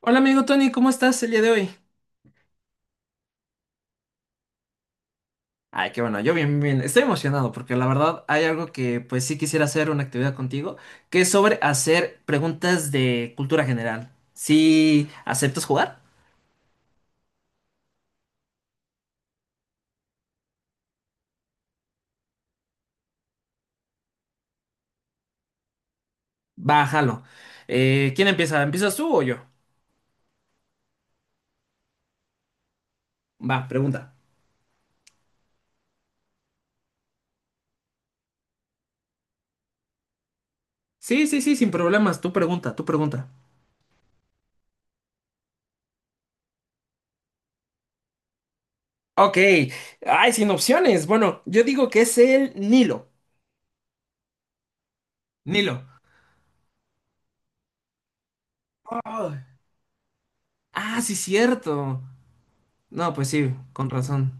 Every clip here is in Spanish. Hola amigo Tony, ¿cómo estás el día de hoy? Ay, qué bueno, yo bien, bien. Estoy emocionado porque la verdad hay algo que pues sí quisiera hacer una actividad contigo, que es sobre hacer preguntas de cultura general. ¿Si aceptas jugar? Bájalo. ¿Quién empieza? ¿Empiezas tú o yo? Va, pregunta. Sí, sí, sí, sin problemas. Tú pregunta, tú pregunta. Ok. Ay, sin opciones. Bueno, yo digo que es el Nilo. Nilo. Ay. Ah, sí, cierto. No, pues sí, con razón.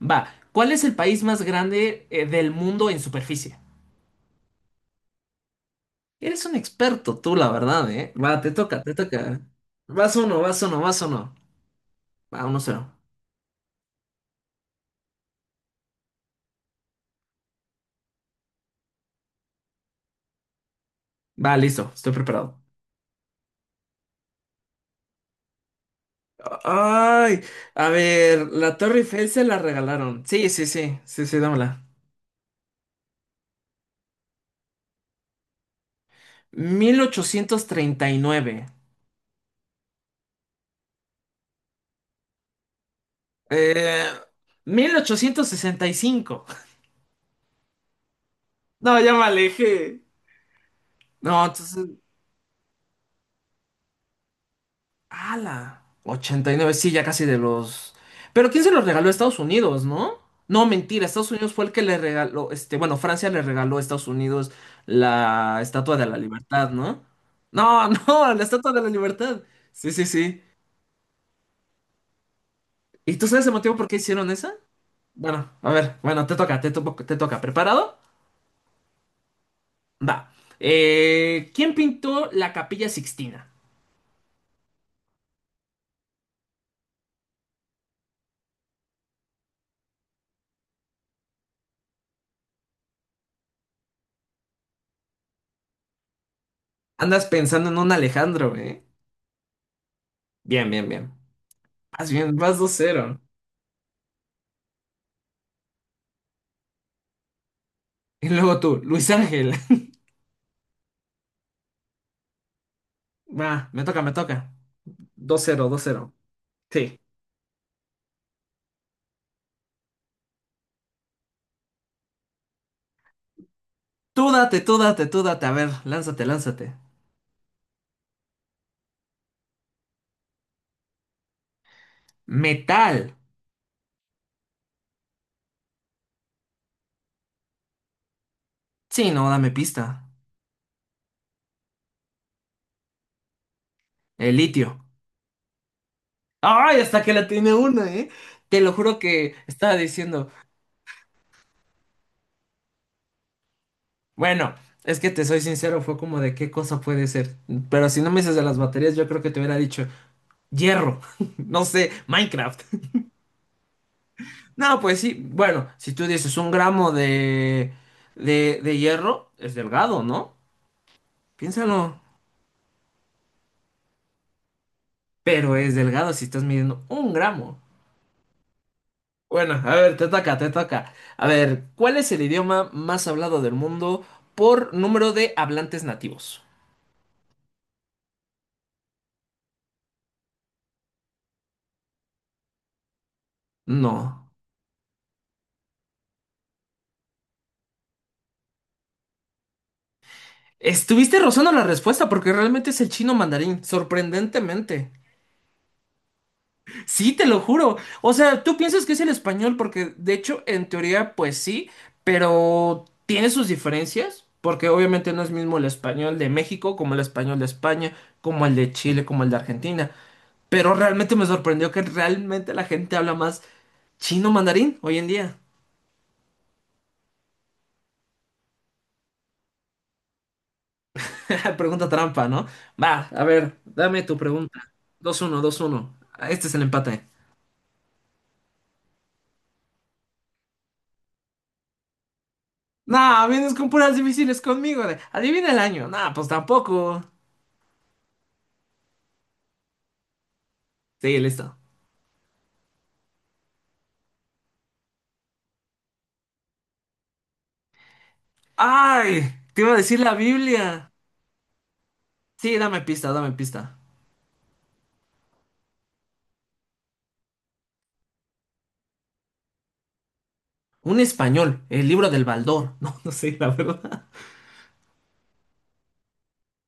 Va, ¿cuál es el país más grande del mundo en superficie? Eres un experto tú, la verdad, ¿eh? Va, te toca, te toca. Vas uno, vas uno, vas uno. Va, uno cero. Va, listo, estoy preparado. Ay, a ver, la Torre Eiffel se la regalaron. Sí, sí, sí, sí, sí, dámela. 1839. Eh, 1865. No, ya me alejé. No, entonces. ¡Hala! Ochenta y nueve, sí, ya casi de los... Pero ¿quién se los regaló a Estados Unidos, no? No, mentira, Estados Unidos fue el que le regaló, bueno, Francia le regaló a Estados Unidos la Estatua de la Libertad, ¿no? No, no, la Estatua de la Libertad. Sí, sí, sí. ¿Y tú sabes el motivo por qué hicieron esa? Bueno, a ver, bueno, te toca, te toca, te toca. ¿Preparado? Va. ¿Quién pintó la Capilla Sixtina? Andas pensando en un Alejandro, ¿eh? Bien, bien, bien. Más bien, vas dos cero. Y luego tú, Luis Ángel. Va, me toca, me toca. Dos cero, dos cero. Sí. Tú date, tú date, tú date. A ver, lánzate, lánzate. Metal. Sí, no, dame pista. El litio. Ay, hasta que la tiene una, ¿eh? Te lo juro que estaba diciendo. Bueno, es que te soy sincero, fue como de qué cosa puede ser. Pero si no me dices de las baterías, yo creo que te hubiera dicho hierro. No sé, Minecraft. No, pues sí. Bueno, si tú dices un gramo de hierro, es delgado, ¿no? Piénsalo, pero es delgado si estás midiendo un gramo. Bueno, a ver, te toca, te toca. A ver, ¿cuál es el idioma más hablado del mundo por número de hablantes nativos? No. Estuviste rozando la respuesta porque realmente es el chino mandarín, sorprendentemente. Sí, te lo juro. O sea, tú piensas que es el español porque de hecho en teoría pues sí, pero tiene sus diferencias porque obviamente no es mismo el español de México como el español de España, como el de Chile, como el de Argentina. Pero realmente me sorprendió que realmente la gente habla más chino mandarín hoy en día. Pregunta trampa, ¿no? Va, a ver, dame tu pregunta. Dos uno, dos uno. Este es el empate. No, vienes con puras difíciles conmigo. Adivina el año. No, pues tampoco. Sí, listo. ¡Ay! Te iba a decir la Biblia. Sí, dame pista, dame pista. Un español, el libro del Baldor. No, no sé, la verdad.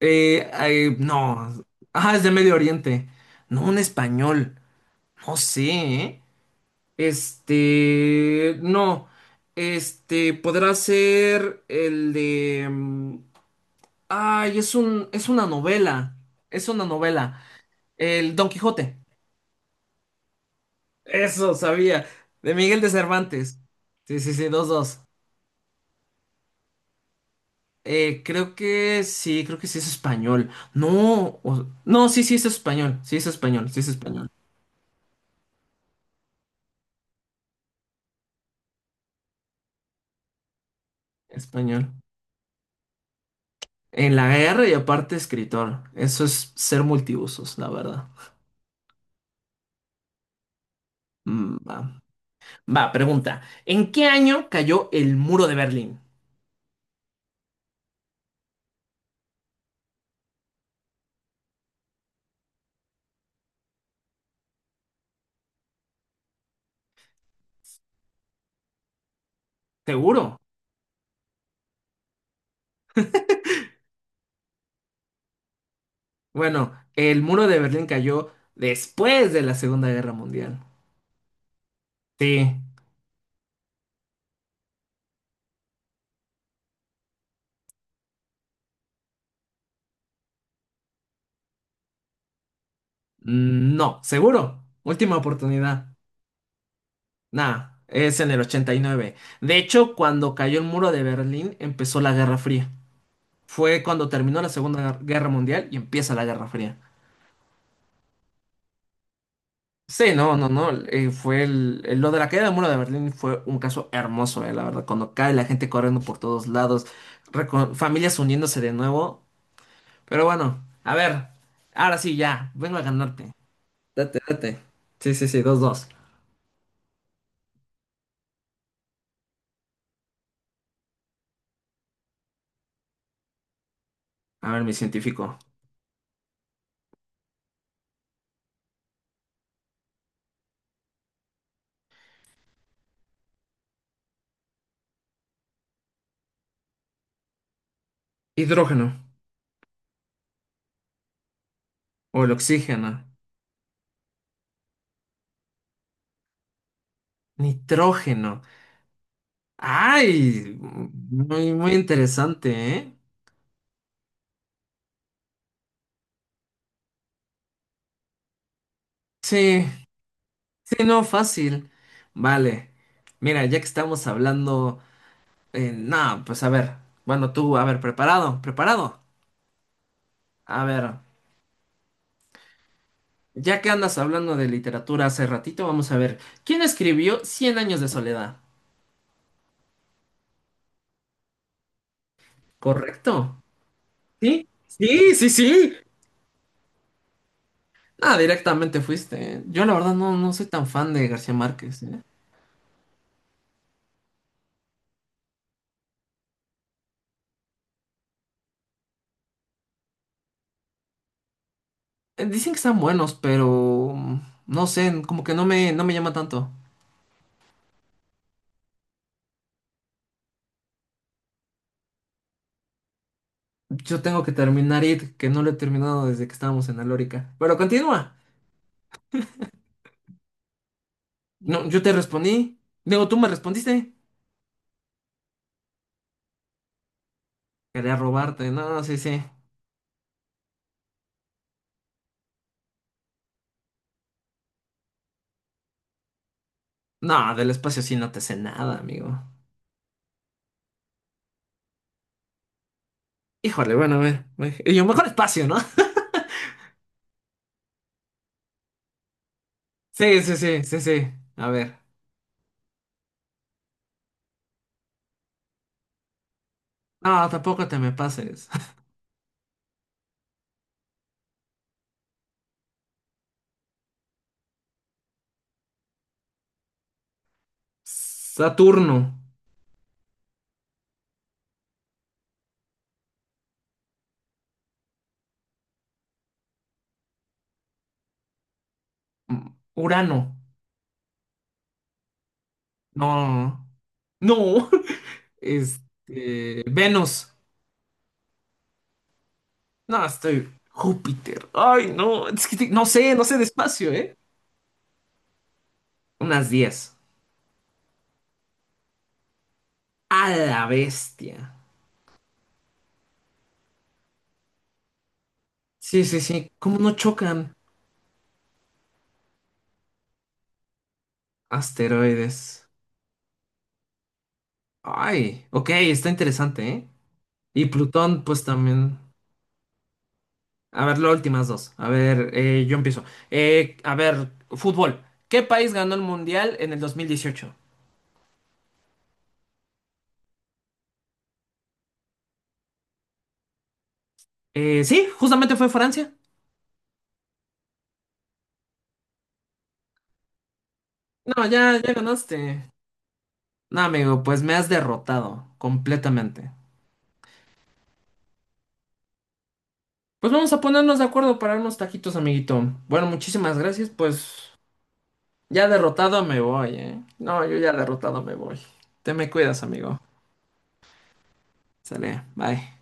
Ay, no. Ah, es de Medio Oriente. No, un español. No sé, ¿eh? No, podrá ser el de... Ay, es una novela, es una novela. El Don Quijote, eso sabía, de Miguel de Cervantes. Sí, sí, sí, dos, dos. Creo que sí es español. No, no, sí, sí es español, sí es español, sí es español, español. En la guerra y aparte escritor, eso es ser multiusos, la verdad. Va. Va, pregunta. ¿En qué año cayó el muro de Berlín? ¿Seguro? Bueno, el muro de Berlín cayó después de la Segunda Guerra Mundial. Sí. No, seguro. Última oportunidad. Nah, es en el 89. De hecho, cuando cayó el muro de Berlín, empezó la Guerra Fría. Fue cuando terminó la Segunda Guerra Mundial y empieza la Guerra Fría. Sí, no, no, no. Fue lo de la caída del muro de Berlín fue un caso hermoso, la verdad. Cuando cae la gente corriendo por todos lados, familias uniéndose de nuevo. Pero bueno, a ver, ahora sí, ya, vengo a ganarte. Date, date. Sí, sí, sí, dos, dos. A ver, mi científico. Hidrógeno o el oxígeno. Nitrógeno. Ay, muy, muy interesante, ¿eh? Sí, sí, no, fácil. Vale. Mira, ya que estamos hablando. No, pues a ver. Bueno, tú, a ver, preparado, preparado. A ver, ya que andas hablando de literatura hace ratito, vamos a ver. ¿Quién escribió Cien años de soledad? ¿Correcto? ¿Sí? Sí, sí, sí. Ah, directamente fuiste. ¿Eh? Yo la verdad no soy tan fan de García Márquez. ¿Eh? Dicen que están buenos, pero no sé, como que no me llama tanto. Yo tengo que terminar It, que no lo he terminado desde que estábamos en Alórica. Pero continúa. No, yo te respondí. Luego tú me respondiste. Quería robarte. No, sí, sí. No, del espacio sí no te sé nada, amigo. Híjole, bueno, a ver. Y yo, mejor espacio, ¿no? Sí, sí, sí, sí, sí. A ver. No, tampoco te me pases. Saturno. Mm, Urano. No. No. Venus. No, estoy. Júpiter. Ay, no. Es que no sé, no sé de espacio, ¿eh? Unas 10. A la bestia. Sí, sí, sí. ¿Cómo no chocan? Asteroides. Ay, ok, está interesante, ¿eh? Y Plutón, pues también. A ver, las últimas dos. A ver, yo empiezo. A ver, fútbol. ¿Qué país ganó el Mundial en el 2018? Sí, justamente fue Francia. No, ya, ya ganaste. No, amigo, pues me has derrotado completamente. Pues vamos a ponernos de acuerdo para unos taquitos, amiguito. Bueno, muchísimas gracias, pues ya derrotado me voy, ¿eh? No, yo ya derrotado me voy. Te me cuidas, amigo. Sale, bye.